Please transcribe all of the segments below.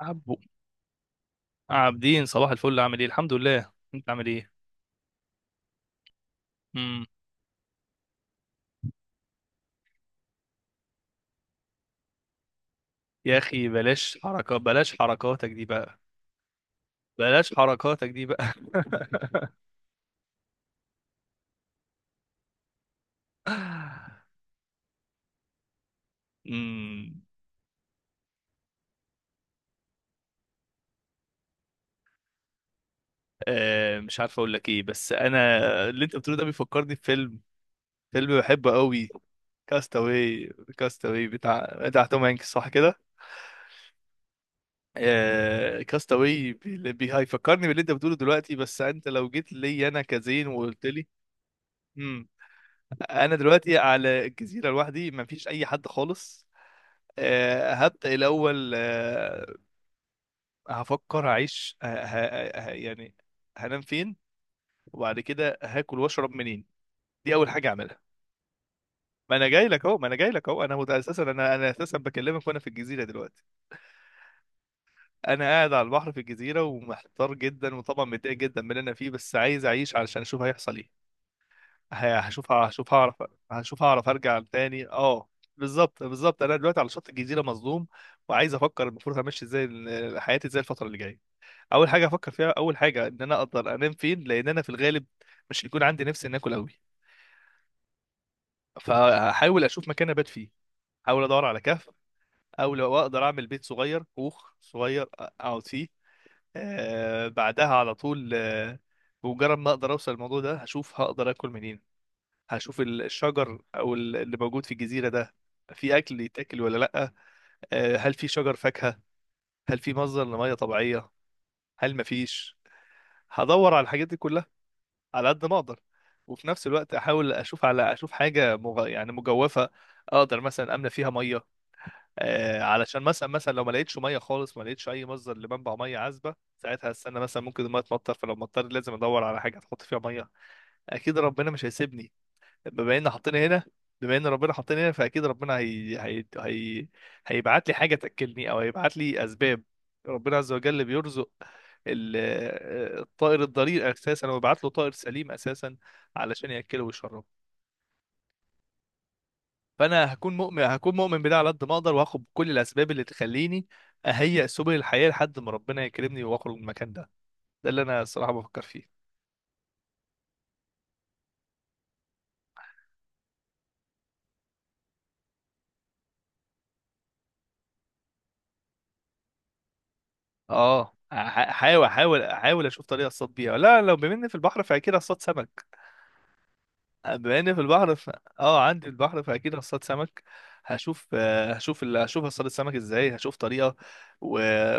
عبو عابدين، صباح الفل. عامل ايه؟ الحمد لله، انت عامل ايه؟ امم يا اخي بلاش حركات، بلاش حركاتك دي بقى. امم مش عارف اقول لك ايه، بس انا اللي انت بتقوله ده بيفكرني بفيلم. فيلم بحبه قوي. كاستاوي. كاستاوي بتاع توم هانكس، صح كده؟ كاستاوي، هيفكرني باللي انت بتقوله دلوقتي. بس انت لو جيت لي انا كزين وقلت لي انا دلوقتي على الجزيره لوحدي، مفيش اي حد خالص. هبدا الاول. هفكر هعيش يعني هنام فين، وبعد كده هاكل واشرب منين. دي اول حاجه اعملها. ما انا جاي لك اهو، ما انا جاي لك اهو. انا اساسا انا اساسا بكلمك وانا في الجزيره دلوقتي. انا قاعد على البحر في الجزيره، ومحتار جدا، وطبعا متضايق جدا من اللي انا فيه، بس عايز اعيش علشان اشوف هيحصل ايه. هشوف هعرف، هشوف هعرف ارجع تاني اه. بالظبط، بالظبط، انا دلوقتي على شط الجزيره مظلوم، وعايز افكر المفروض همشي ازاي، حياتي ازاي الفتره اللي جايه. اول حاجه افكر فيها، اول حاجه ان انا اقدر انام فين، لان انا في الغالب مش هيكون عندي نفس ان اكل قوي، فهحاول اشوف مكان ابات فيه. احاول ادور على كهف، او لو اقدر اعمل بيت صغير، كوخ صغير اقعد فيه. بعدها على طول، بمجرد ما اقدر اوصل الموضوع ده، هشوف هقدر اكل منين. هشوف الشجر، او اللي موجود في الجزيره ده في اكل يتاكل ولا لا. هل في شجر فاكهه؟ هل في مصدر لميه طبيعيه؟ هل مفيش؟ هدور على الحاجات دي كلها على قد ما اقدر. وفي نفس الوقت احاول اشوف، على اشوف حاجه يعني مجوفه اقدر مثلا املى فيها ميه. علشان مثلا لو ما لقيتش ميه خالص، ما لقيتش اي مصدر لمنبع ميه عذبه، ساعتها هستنى مثلا ممكن الميه تمطر، فلو مطر لازم ادور على حاجه تحط فيها ميه. اكيد ربنا مش هيسيبني بما ان حطيني هنا بما ان ربنا حطيني هنا، فاكيد ربنا هيبعت لي حاجه تاكلني، او هيبعت لي اسباب. ربنا عز وجل بيرزق ال- الطائر الضرير اساسا، ويبعت له طائر سليم اساسا علشان ياكله ويشربه. فانا هكون مؤمن، هكون مؤمن بده على قد ما اقدر، وهاخد كل الاسباب اللي تخليني اهيئ سبل الحياه لحد ما ربنا يكرمني واخرج من المكان ده. ده اللي انا الصراحه بفكر فيه. اه، حاول حاول حاول اشوف طريقه اصطاد بيها. لا، لو بما إني في البحر فاكيد اصطاد سمك. بما اني في البحر ف... اه عندي البحر، فاكيد هصطاد سمك. هشوف، هشوف هصطاد السمك ازاي، هشوف طريقه. و...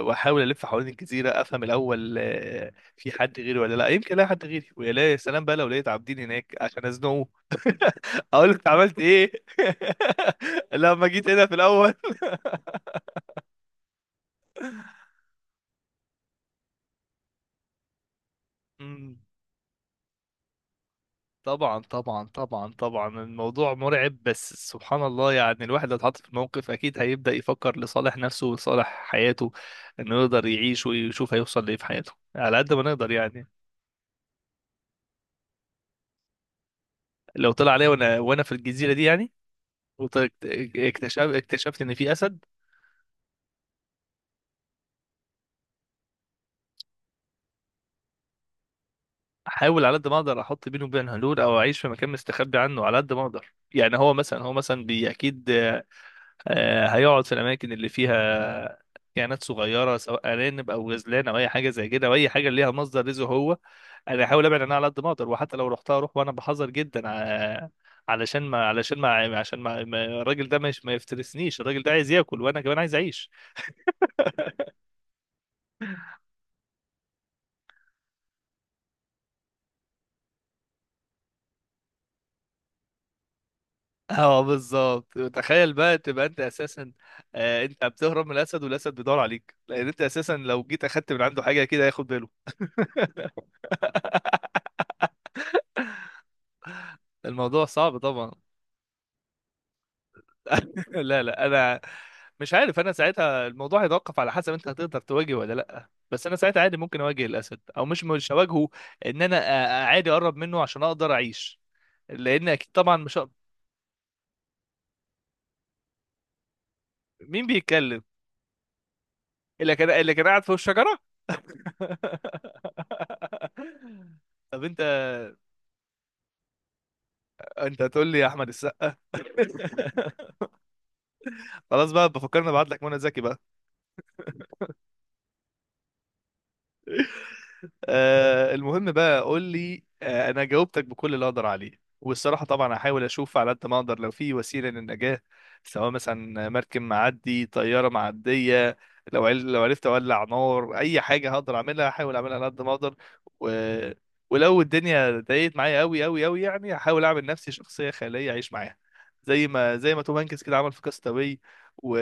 واحاول الف حوالين الجزيره، افهم الاول في حد غيري ولا لا. يمكن الاقي حد غيري، ويا لا- يا سلام بقى لو لقيت عابدين هناك عشان ازنقه، اقول لك عملت ايه لما جيت هنا في الاول. طبعا، طبعا، طبعا، طبعا الموضوع مرعب، بس سبحان الله، يعني الواحد لو اتحط في الموقف اكيد هيبدأ يفكر لصالح نفسه ولصالح حياته، انه يقدر يعيش ويشوف هيوصل لايه في حياته على قد ما نقدر يعني. لو طلع عليا وانا في الجزيرة دي يعني، واكتشفت، ان في اسد، احاول على قد ما اقدر احط بينه وبين هلول، او اعيش في مكان مستخبي عنه على قد ما اقدر. يعني هو مثلا، هو مثلا بي اكيد هيقعد في الاماكن اللي فيها كائنات صغيره، سواء ارانب او غزلان او اي حاجه زي كده، او اي حاجه ليها مصدر رزق هو. انا هحاول ابعد عنها على قد ما اقدر، وحتى لو رحتها اروح وانا بحذر جدا، ع- علشان ما علشان ما عشان ما ما- الراجل ده مش ما يفترسنيش، الراجل ده عايز ياكل وانا كمان عايز اعيش. اه بالظبط، تخيل بقى تبقى انت اساسا، انت بتهرب من الاسد، والاسد بيدور عليك، لان انت اساسا لو جيت اخدت من عنده حاجه كده هياخد باله. الموضوع صعب طبعا. لا، لا، انا مش عارف. انا ساعتها الموضوع هيتوقف على حسب انت هتقدر تواجه ولا لا، بس انا ساعتها عادي ممكن اواجه الاسد، او مش هواجهه. ان انا عادي اقرب منه عشان اقدر اعيش، لان اكيد طبعا مش هق- مين بيتكلم؟ اللي كان قاعد فوق الشجره. طب انت هتقول لي يا احمد السقا؟ خلاص بقى، بفكرني ابعت لك منى زكي بقى. المهم بقى قول لي، انا جاوبتك بكل اللي اقدر عليه. والصراحه طبعا هحاول اشوف على قد ما اقدر، لو في وسيله للنجاه، سواء مثلا مركب معدي، طياره معديه. لو عرفت اولع نار، اي حاجه هقدر اعملها هحاول اعملها على قد ما اقدر. و... ولو الدنيا ضايقت معايا قوي قوي قوي يعني، هحاول اعمل نفسي شخصيه خياليه اعيش معاها، زي ما توم هانكس كده عمل في كاستاوي. و...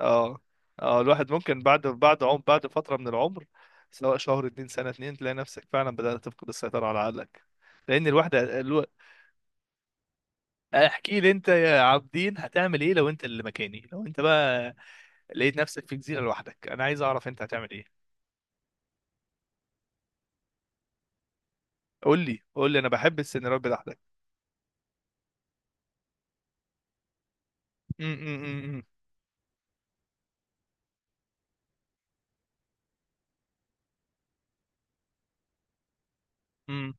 اه، اه الواحد ممكن بعد فترة من العمر، سواء شهر اتنين، سنة اتنين، تلاقي نفسك فعلا بدأت تفقد السيطرة على عقلك، لأن الواحد الو... احكي لي انت يا عابدين هتعمل ايه لو انت اللي مكاني، لو انت بقى لقيت نفسك في جزيرة لوحدك، انا عايز اعرف انت هتعمل ايه. قول لي، قول لي، انا بحب السيناريوهات بتاعتك. م- م- م- م-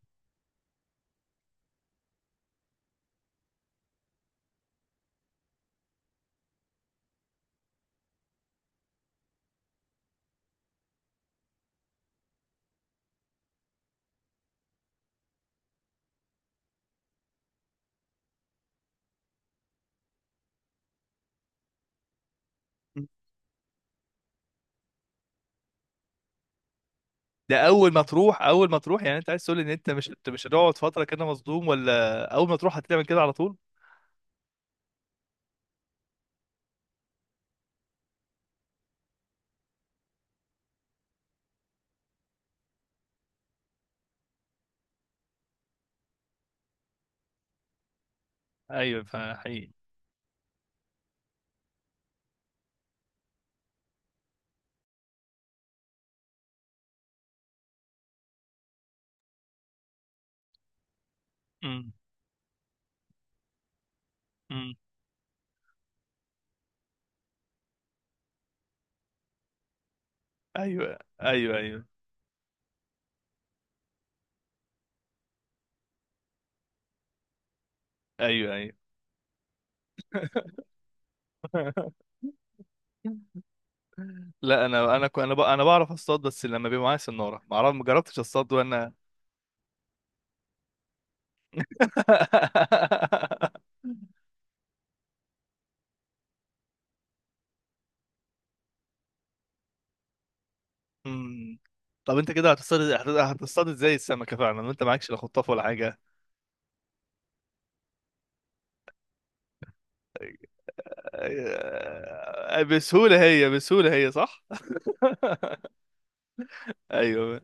م. ده اول ما تروح، يعني انت عايز تقول ان انت مش هتقعد فترة كده مصدوم، ولا اول ما تروح هتعمل كده على طول؟ ايوه، فحقيقي. م- م. ايوه، ايوه، ايوه. ايوه، ايوه. لا انا، انا بعرف اصطاد، بس لما بيبقى معايا سناره ما اعرف، ما جربتش اصطاد وانا. أمم. طب انت كده هتصطاد، هتصطاد ازاي السمكه فعلا وانت معكش لا خطاف ولا حاجه؟ آه، بسهوله هي، بسهوله هي، صح؟ ايوه.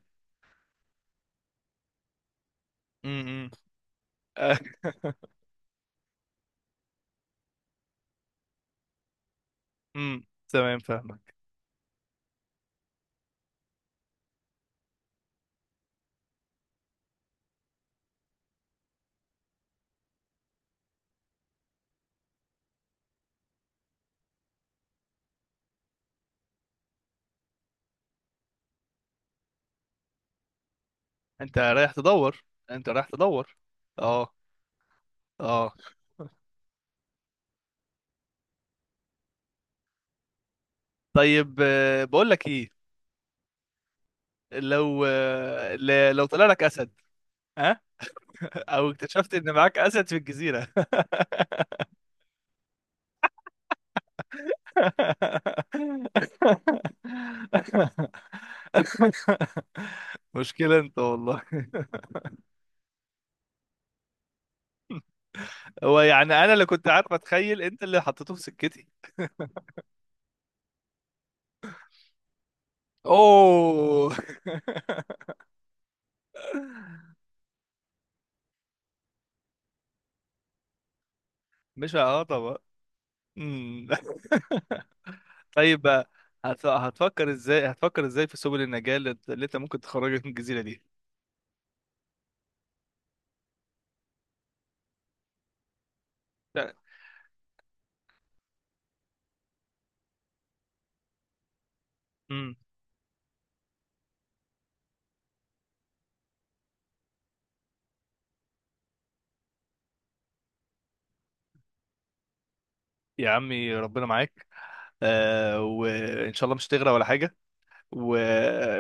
امم امم تمام، فاهمك. انت رايح تدور، انت رايح تدور. اه. اه. طيب، بقول لك ايه. لو لو طلع لك اسد؟ ها. او اكتشفت ان معاك اسد في الجزيره؟ مشكله انت والله، هو يعني انا اللي كنت عارف اتخيل، انت اللي حطيته في سكتي. اوه. مش هقاطع بقى. أمم. طيب بقى، هتفكر ازاي، هتفكر ازاي في سبل النجاة اللي انت ممكن تخرجك من الجزيره دي؟ أمم. يا عمي ربنا معاك. آه، وان شاء الله مش هتغرق ولا حاجه. و...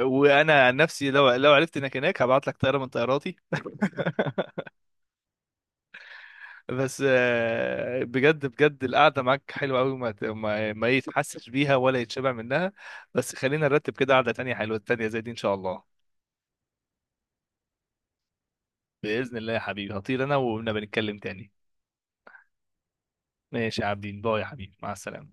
وانا عن نفسي، لو عرفت انك هناك هبعت لك طياره من طياراتي. بس بجد بجد، القعده معاك حلوه قوي، ما ما ما يتحسش بيها ولا يتشبع منها. بس خلينا نرتب كده قعده تانية حلوه تانية زي دي ان شاء الله. باذن الله يا حبيبي، هطير انا وقلنا بنتكلم تاني. ماشي يا عابدين، باي يا حبيبي، مع السلامه.